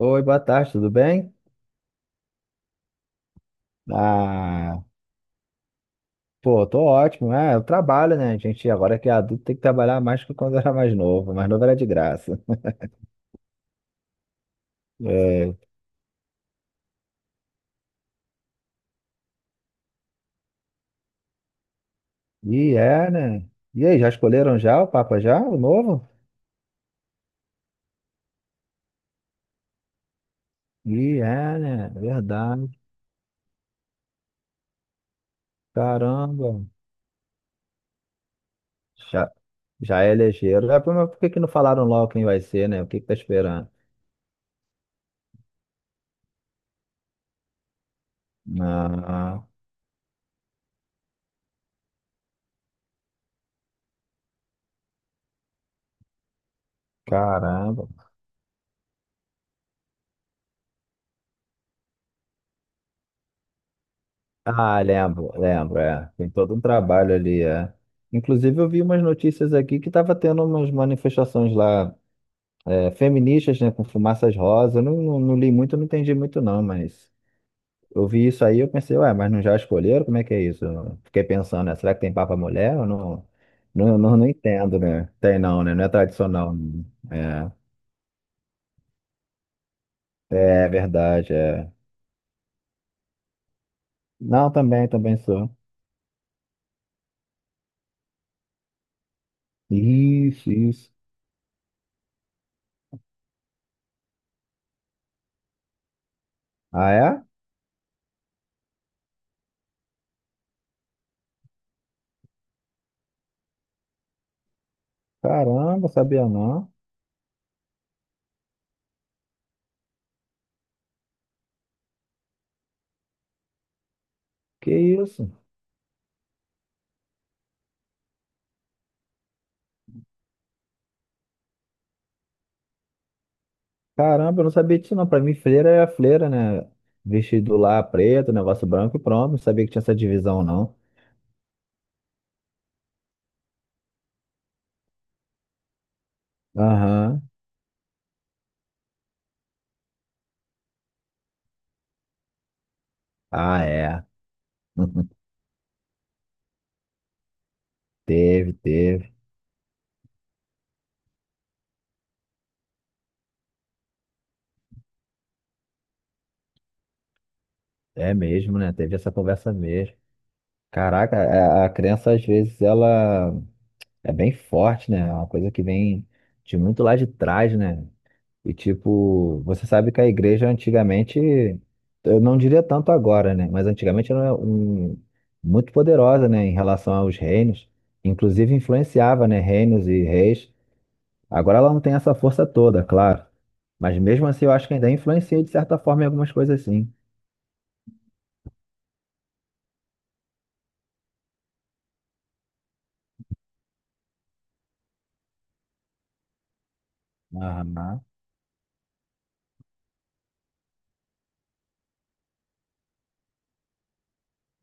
Oi, boa tarde, tudo bem? Ah, Pô, tô ótimo, né? Eu trabalho, né? A gente agora que é adulto tem que trabalhar mais que quando era mais novo. Mais novo era de graça. É, e é, né? E aí, já escolheram já o Papa já, o novo? E é, né? Verdade. Caramba. Já, já é elegeram. É, mas por que que não falaram logo quem vai ser, né? O que que tá esperando? Ah, caramba. Ah, lembro, lembro, é. Tem todo um trabalho ali, é. Inclusive, eu vi umas notícias aqui que estava tendo umas manifestações lá, é, feministas, né, com fumaças rosa. Eu Não, não li muito, não entendi muito, não, mas eu vi isso aí, eu pensei, ué, mas não já escolheram? Como é que é isso? Eu fiquei pensando, né, será que tem papa mulher? Eu não, não, não entendo, né? Tem não, né? Não é tradicional, né? É, é verdade, é. Não, também sou. Isso, isso. Ah, é? Caramba, sabia não. Que isso? Caramba, eu não sabia disso não. Pra mim, freira é a freira, né? Vestido lá preto, negócio branco e pronto. Não sabia que tinha essa divisão, não. Aham. Ah, é. Teve, teve. É mesmo, né? Teve essa conversa mesmo. Caraca, a criança às vezes ela é bem forte, né? É uma coisa que vem de muito lá de trás, né? E tipo, você sabe que a igreja antigamente, eu não diria tanto agora, né? Mas antigamente era um, muito poderosa, né? Em relação aos reinos, inclusive influenciava, né? Reinos e reis. Agora ela não tem essa força toda, claro. Mas mesmo assim, eu acho que ainda influencia de certa forma em algumas coisas, sim. Aham.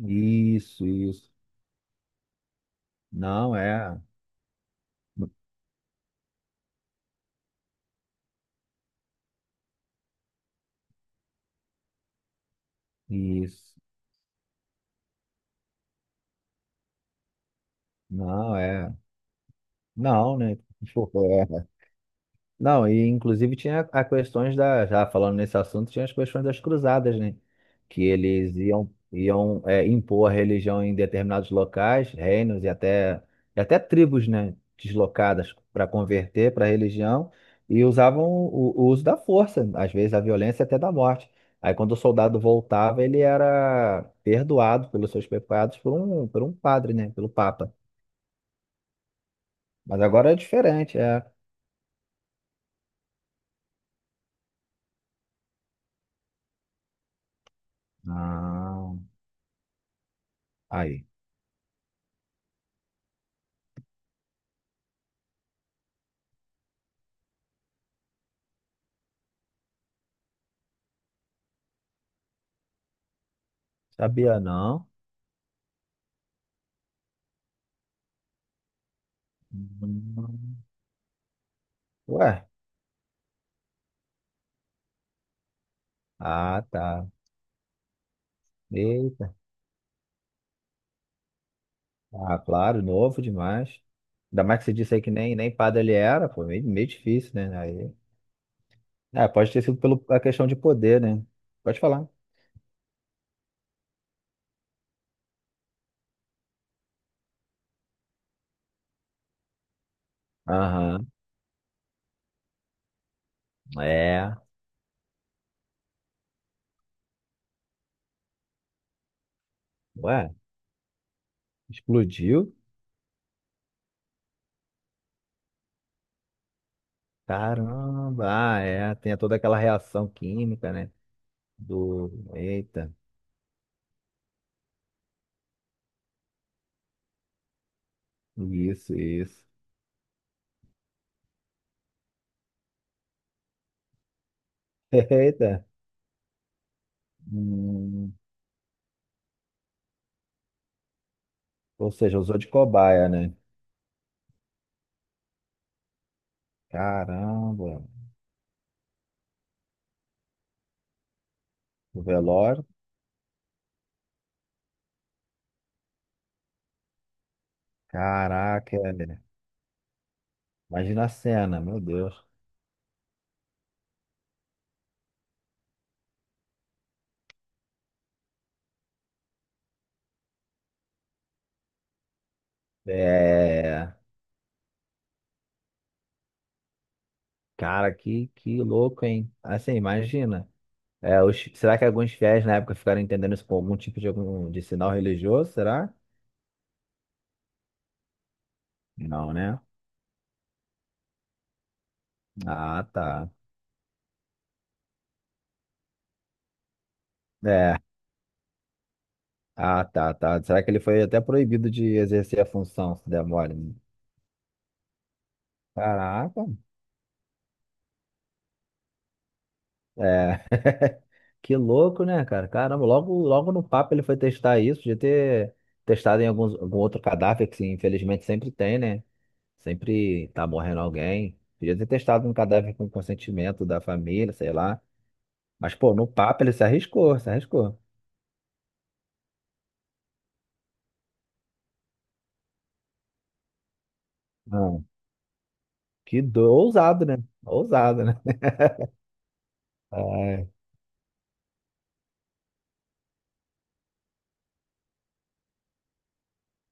Isso, isso. Não é. Isso. Não é. Não, né? Tipo, é. Não, e inclusive tinha a questões da, já falando nesse assunto, tinha as questões das cruzadas, né? Que eles iam é, impor a religião em determinados locais, reinos e até tribos, né? Deslocadas para converter para a religião e usavam o uso da força, às vezes a violência até da morte. Aí quando o soldado voltava, ele era perdoado pelos seus pecados por um padre, né? Pelo Papa. Mas agora é diferente, é. Não, aí. Sabia não. Hum. Ué, ah, tá. Eita, ah, claro, novo demais. Ainda mais que você disse aí que nem, nem padre ele era, pô, meio, meio difícil, né? Aí, é, pode ter sido pela a questão de poder, né? Pode falar. Aham, é. Ué, explodiu? Caramba, ah, é. Tem toda aquela reação química, né? Do. Eita, isso, isso. Eita. Hum, Ou seja, usou de cobaia, né? Caramba, o velório. Caraca, velho. Imagina a cena, meu Deus. É, cara, que louco, hein? Assim, imagina. É, os- será que alguns fiéis na época ficaram entendendo isso como algum tipo de, algum, de sinal religioso? Será? Não, né? Ah, tá. É, ah, tá, tá. Será que ele foi até proibido de exercer a função, se der mole? Né? Caraca, é. Que louco, né, cara? Caramba, logo, logo no papo ele foi testar isso, de ter testado em alguns, algum outro cadáver, que infelizmente sempre tem, né? Sempre tá morrendo alguém. Podia ter testado um cadáver com consentimento da família, sei lá. Mas, pô, no papo ele se arriscou, se arriscou. Não, que do... ousado, né? Ousado, né? Ai,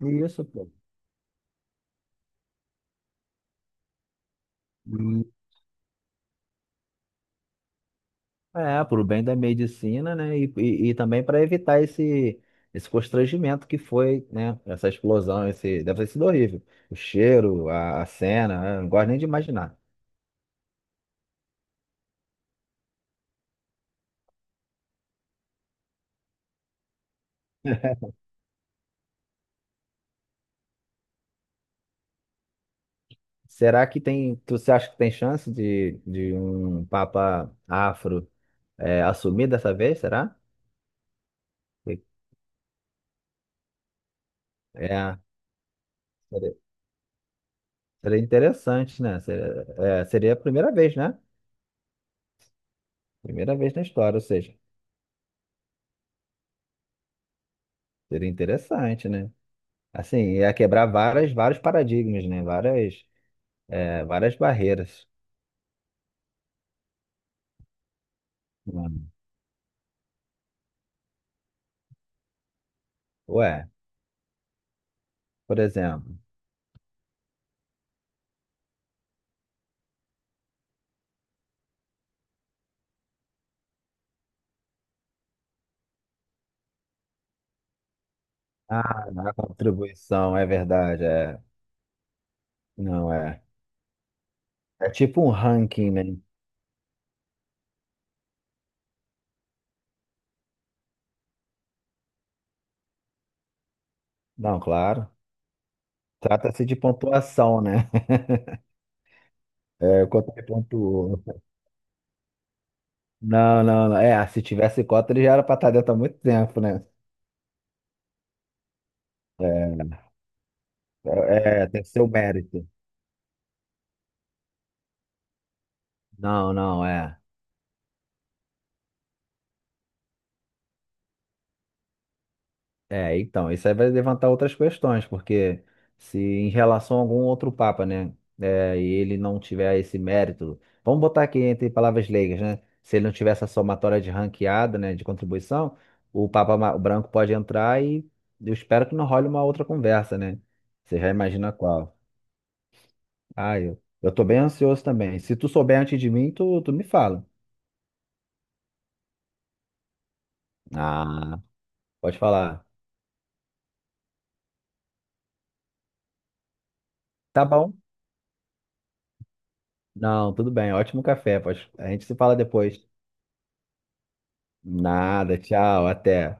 isso, pô. É, pro bem da medicina, né? E também para evitar esse, esse constrangimento que foi, né? Essa explosão, esse... deve ter sido horrível. O cheiro, a cena, né? Não gosto nem de imaginar. Será que tem. Tu, você acha que tem chance de um papa afro? É, assumir dessa vez, será? É, é, Seria, seria interessante, né? Seria, é, seria a primeira vez, né? Primeira vez na história, ou seja, seria interessante, né? Assim, ia quebrar várias, vários paradigmas, né? Várias, é, várias barreiras. Hum. Ué, por exemplo, ah, a contribuição é verdade, é. Não é. É tipo um ranking, né? Não, claro. Trata-se de pontuação, né? É, quanto que pontuou. Não, não, não. É, se tivesse cota, ele já era pra estar dentro há muito tempo, né? É, é, tem que ser o mérito. Não, não, é. É, então, isso aí vai levantar outras questões, porque se em relação a algum outro papa, né, é, e ele não tiver esse mérito, vamos botar aqui entre palavras leigas, né? Se ele não tiver essa somatória de ranqueada, né, de contribuição, o papa ma- branco pode entrar e eu espero que não role uma outra conversa, né? Você já imagina qual. Ah, eu tô bem ansioso também. Se tu souber antes de mim, tu me fala. Ah, pode falar. Tá bom? Não, tudo bem. Ótimo café. Pode... A gente se fala depois. Nada, tchau, até.